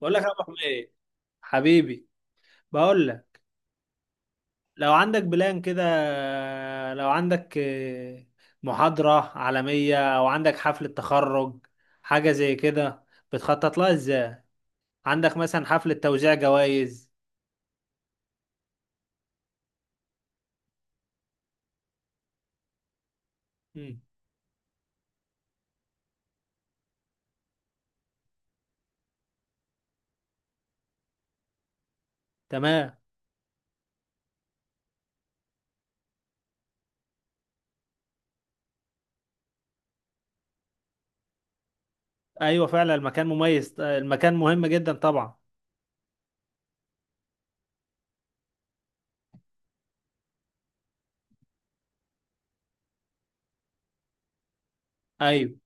بقول لك يا ابو حميد، حبيبي، بقول لك، لو عندك بلان كده، لو عندك محاضرة عالمية او عندك حفلة تخرج حاجة زي كده، بتخطط لها ازاي؟ عندك مثلا حفلة توزيع جوائز. مم. تمام. ايوه فعلا المكان مميز، المكان مهم جدا طبعا. ايوه،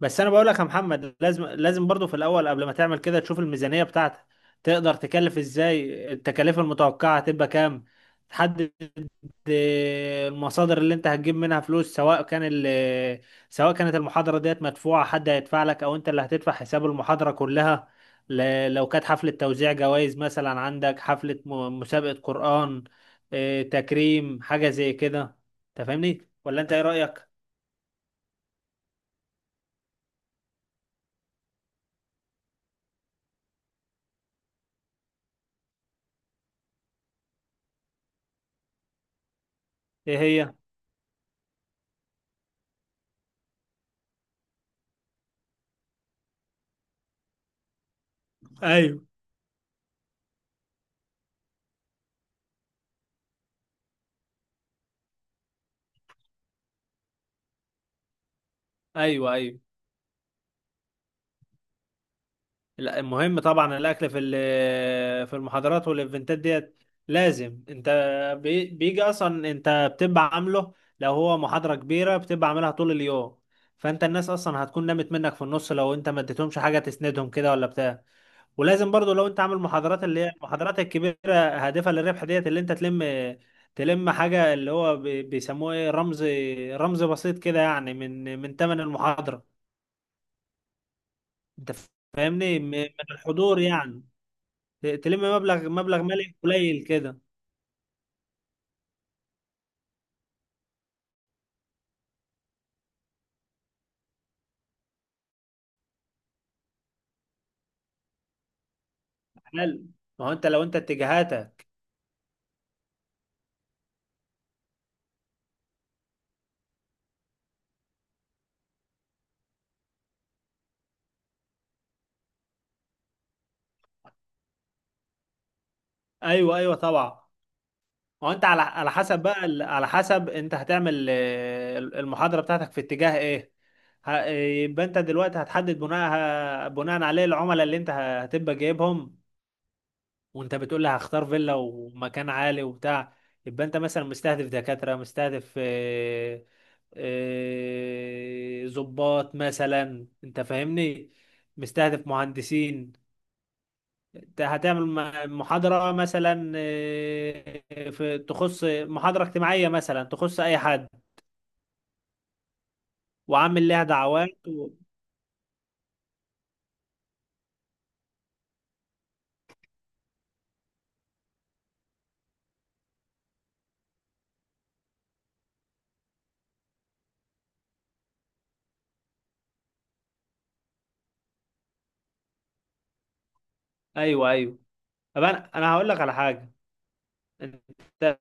بس انا بقول لك يا محمد، لازم برضو في الاول قبل ما تعمل كده تشوف الميزانيه بتاعتك. تقدر تكلف ازاي؟ التكاليف المتوقعه هتبقى كام؟ تحدد المصادر اللي انت هتجيب منها فلوس، سواء كان سواء كانت المحاضره ديت مدفوعه حد هيدفع لك، او انت اللي هتدفع حساب المحاضره كلها. لو كانت حفله توزيع جوائز، مثلا عندك حفله مسابقه قران، تكريم حاجه زي كده. انت فاهمني ولا انت ايه رايك؟ ايه هي؟ ايوه، ايوه، ايوه. لا المهم طبعا الاكل في في المحاضرات والايفنتات ديت لازم انت بيجي. اصلا انت بتبقى عامله، لو هو محاضرة كبيرة بتبقى عاملها طول اليوم، فانت الناس اصلا هتكون نامت منك في النص لو انت ما اديتهمش حاجة تسندهم كده ولا بتاع. ولازم برضو لو انت عامل محاضرات اللي هي المحاضرات الكبيرة هادفة للربح ديت، اللي انت تلم، حاجة اللي هو بيسموه ايه، رمز بسيط كده، يعني من تمن المحاضرة. انت فاهمني؟ من الحضور يعني. تلم مبلغ مالي قليل كده. حلو. ما هو انت لو انت اتجاهاتك. ايوه ايوه طبعا. ما هو انت على حسب بقى، على حسب انت هتعمل المحاضره بتاعتك في اتجاه ايه، ه- يبقى انت دلوقتي هتحدد بناء، عليه العملاء اللي انت هتبقى جايبهم. وانت بتقول لي هختار فيلا ومكان عالي وبتاع، يبقى انت مثلا مستهدف دكاتره، مستهدف ضباط مثلا. انت فاهمني؟ مستهدف مهندسين. هتعمل محاضرة مثلا في تخص محاضرة اجتماعية مثلا تخص أي حد، وعامل لها دعوات و... أيوه أيوه. طب أنا، هقول لك على حاجة. أنت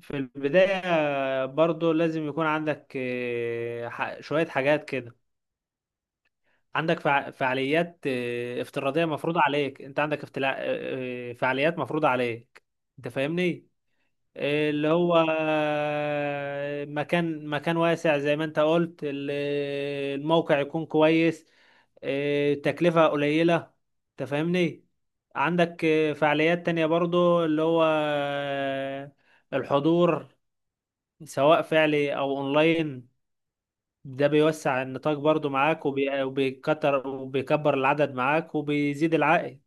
في البداية برضو لازم يكون عندك شوية حاجات كده. عندك فعاليات افتراضية مفروضة عليك. أنت عندك افتلا... آه، آه، فعاليات مفروضة عليك. أنت فاهمني؟ اللي هو مكان واسع زي ما انت قلت، الموقع يكون كويس، اه، تكلفة قليلة. انت فاهمني. عندك فعاليات تانية برضو اللي هو الحضور سواء فعلي او اونلاين. ده بيوسع النطاق برضو معاك، وبيكتر وبيكبر العدد معاك وبيزيد العائد.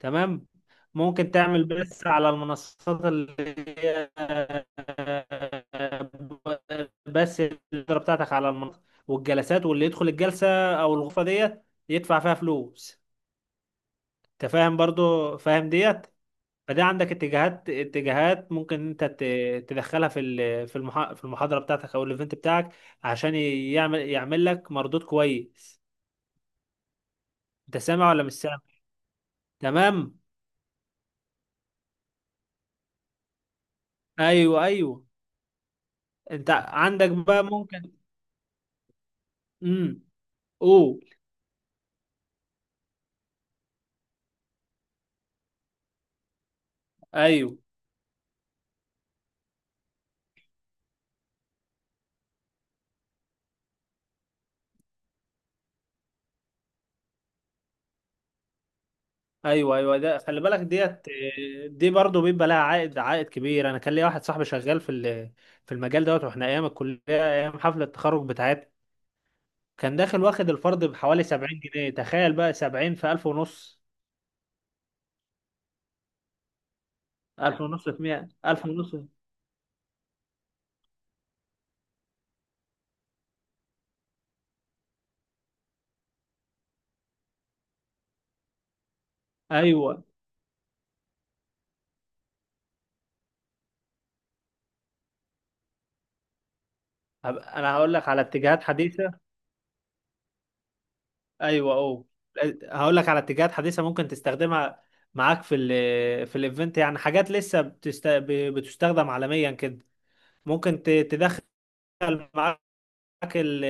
تمام. ممكن تعمل بث على المنصات اللي هي، بس، الإدارة بتاعتك على المنصة، والجلسات، واللي يدخل الجلسة أو الغرفة ديت يدفع فيها فلوس. أنت فاهم برضو، فاهم ديت. فده عندك اتجاهات، ممكن انت تدخلها في في المحاضرة بتاعتك او الايفنت بتاعك، عشان يعمل، لك مردود كويس. انت سامع ولا مش سامع؟ تمام. ايوه ايوه. انت عندك بقى ممكن. امم اوه. ايوه، ايوه، ايوه، ده خلي بالك ديت. دي برضه بيبقى لها عائد، كبير. انا كان ليا واحد صاحبي شغال في في المجال دوت، واحنا ايام الكليه ايام حفله التخرج بتاعتنا كان داخل واخد الفرد بحوالي 70 جنيه. تخيل بقى، 70 في 1000 ونص. 1000 ونص في 100. 1000 ونص. ايوه، انا هقول لك على اتجاهات حديثه. ايوه اوه. هقول لك على اتجاهات حديثه ممكن تستخدمها معاك في ال في الايفنت، يعني حاجات لسه بتستخدم عالميا كده، ممكن تدخل معاك ال-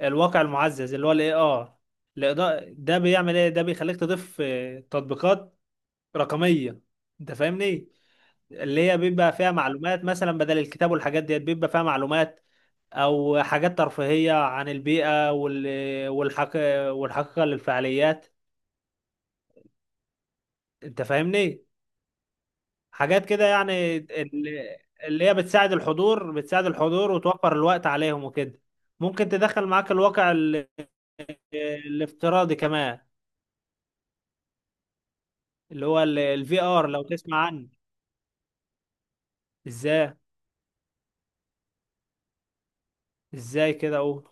الواقع المعزز اللي هو الاي ار. ده بيعمل ايه؟ ده بيخليك تضيف تطبيقات رقمية. انت فاهمني؟ اللي هي بيبقى فيها معلومات، مثلا بدل الكتاب والحاجات ديت بيبقى فيها معلومات او حاجات ترفيهية عن البيئة والحق، والحقيقة للفعاليات. انت فاهمني؟ حاجات كده يعني، اللي، اللي هي بتساعد الحضور، وتوفر الوقت عليهم وكده. ممكن تدخل معاك الواقع الافتراضي كمان، اللي هو الفي ار لو تسمع عنه. ازاي؟ ازاي كده اقول.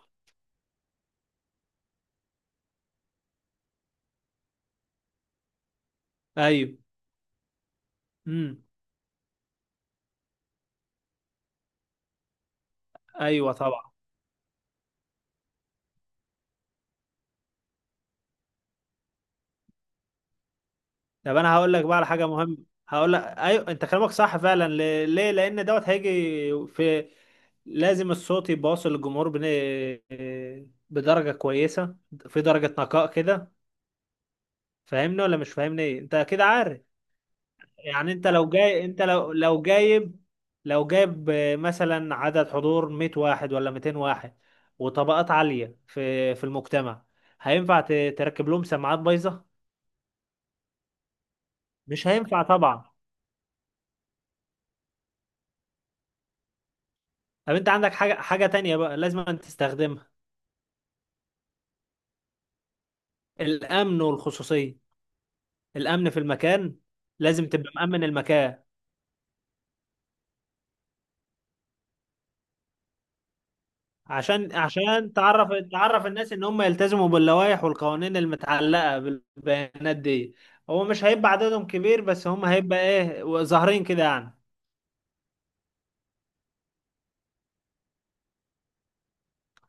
ايوه. امم. ايوه طبعا. طب انا هقول لك بقى على حاجه مهمه. هقول لك ايوه، انت كلامك صح فعلا. ليه؟ لان دوت هيجي في، لازم الصوت يبقى واصل للجمهور بدرجه كويسه، في درجه نقاء كده. فاهمني ولا مش فاهمني؟ ايه انت اكيد عارف. يعني انت لو جاي، انت لو جايب، مثلا عدد حضور 100 واحد ولا 200 واحد، وطبقات عالية في المجتمع، هينفع تركب لهم سماعات بايظة؟ مش هينفع طبعا. طب انت عندك حاجة، تانية بقى لازم أن تستخدمها. الامن والخصوصية. الامن في المكان، لازم تبقى مأمن المكان، عشان تعرف، الناس ان هم يلتزموا باللوائح والقوانين المتعلقه بالبيانات دي. هو مش هيبقى عددهم كبير، بس هم هيبقى ايه، ظاهرين كده يعني.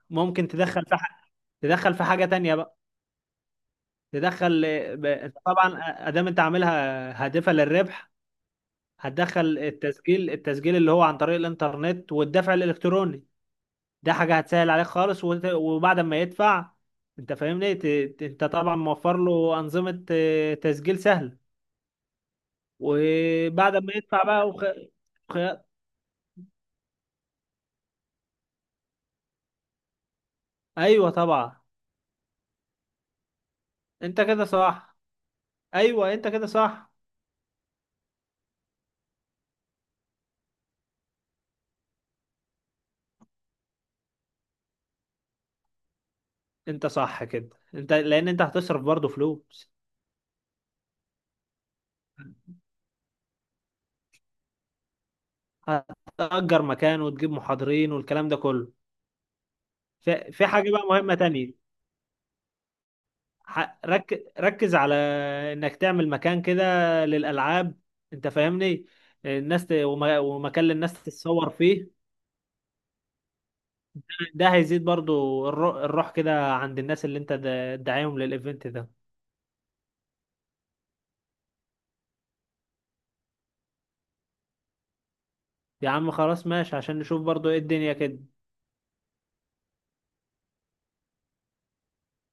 ممكن تدخل في تدخل في حاجه تانية بقى، تدخل أنت طبعا ادام انت عاملها هادفه للربح، هتدخل التسجيل، اللي هو عن طريق الانترنت والدفع الالكتروني. ده حاجه هتسهل عليك خالص وبعد ما يدفع، انت فاهمني، انت طبعا موفر له انظمه تسجيل سهله. وبعد ما يدفع بقى وخ... ايوه طبعا. انت كده صح، ايوه انت كده صح. انت صح كده. انت لان انت هتصرف برضه فلوس، هتأجر مكان وتجيب محاضرين والكلام ده كله. في، حاجة بقى مهمة تانية. ركز على انك تعمل مكان كده للألعاب. انت فاهمني؟ الناس ومكان للناس تتصور فيه. ده هيزيد برضو الروح كده عند الناس اللي انت داعيهم للايفنت ده. يا عم خلاص ماشي، عشان نشوف برضو ايه الدنيا كده.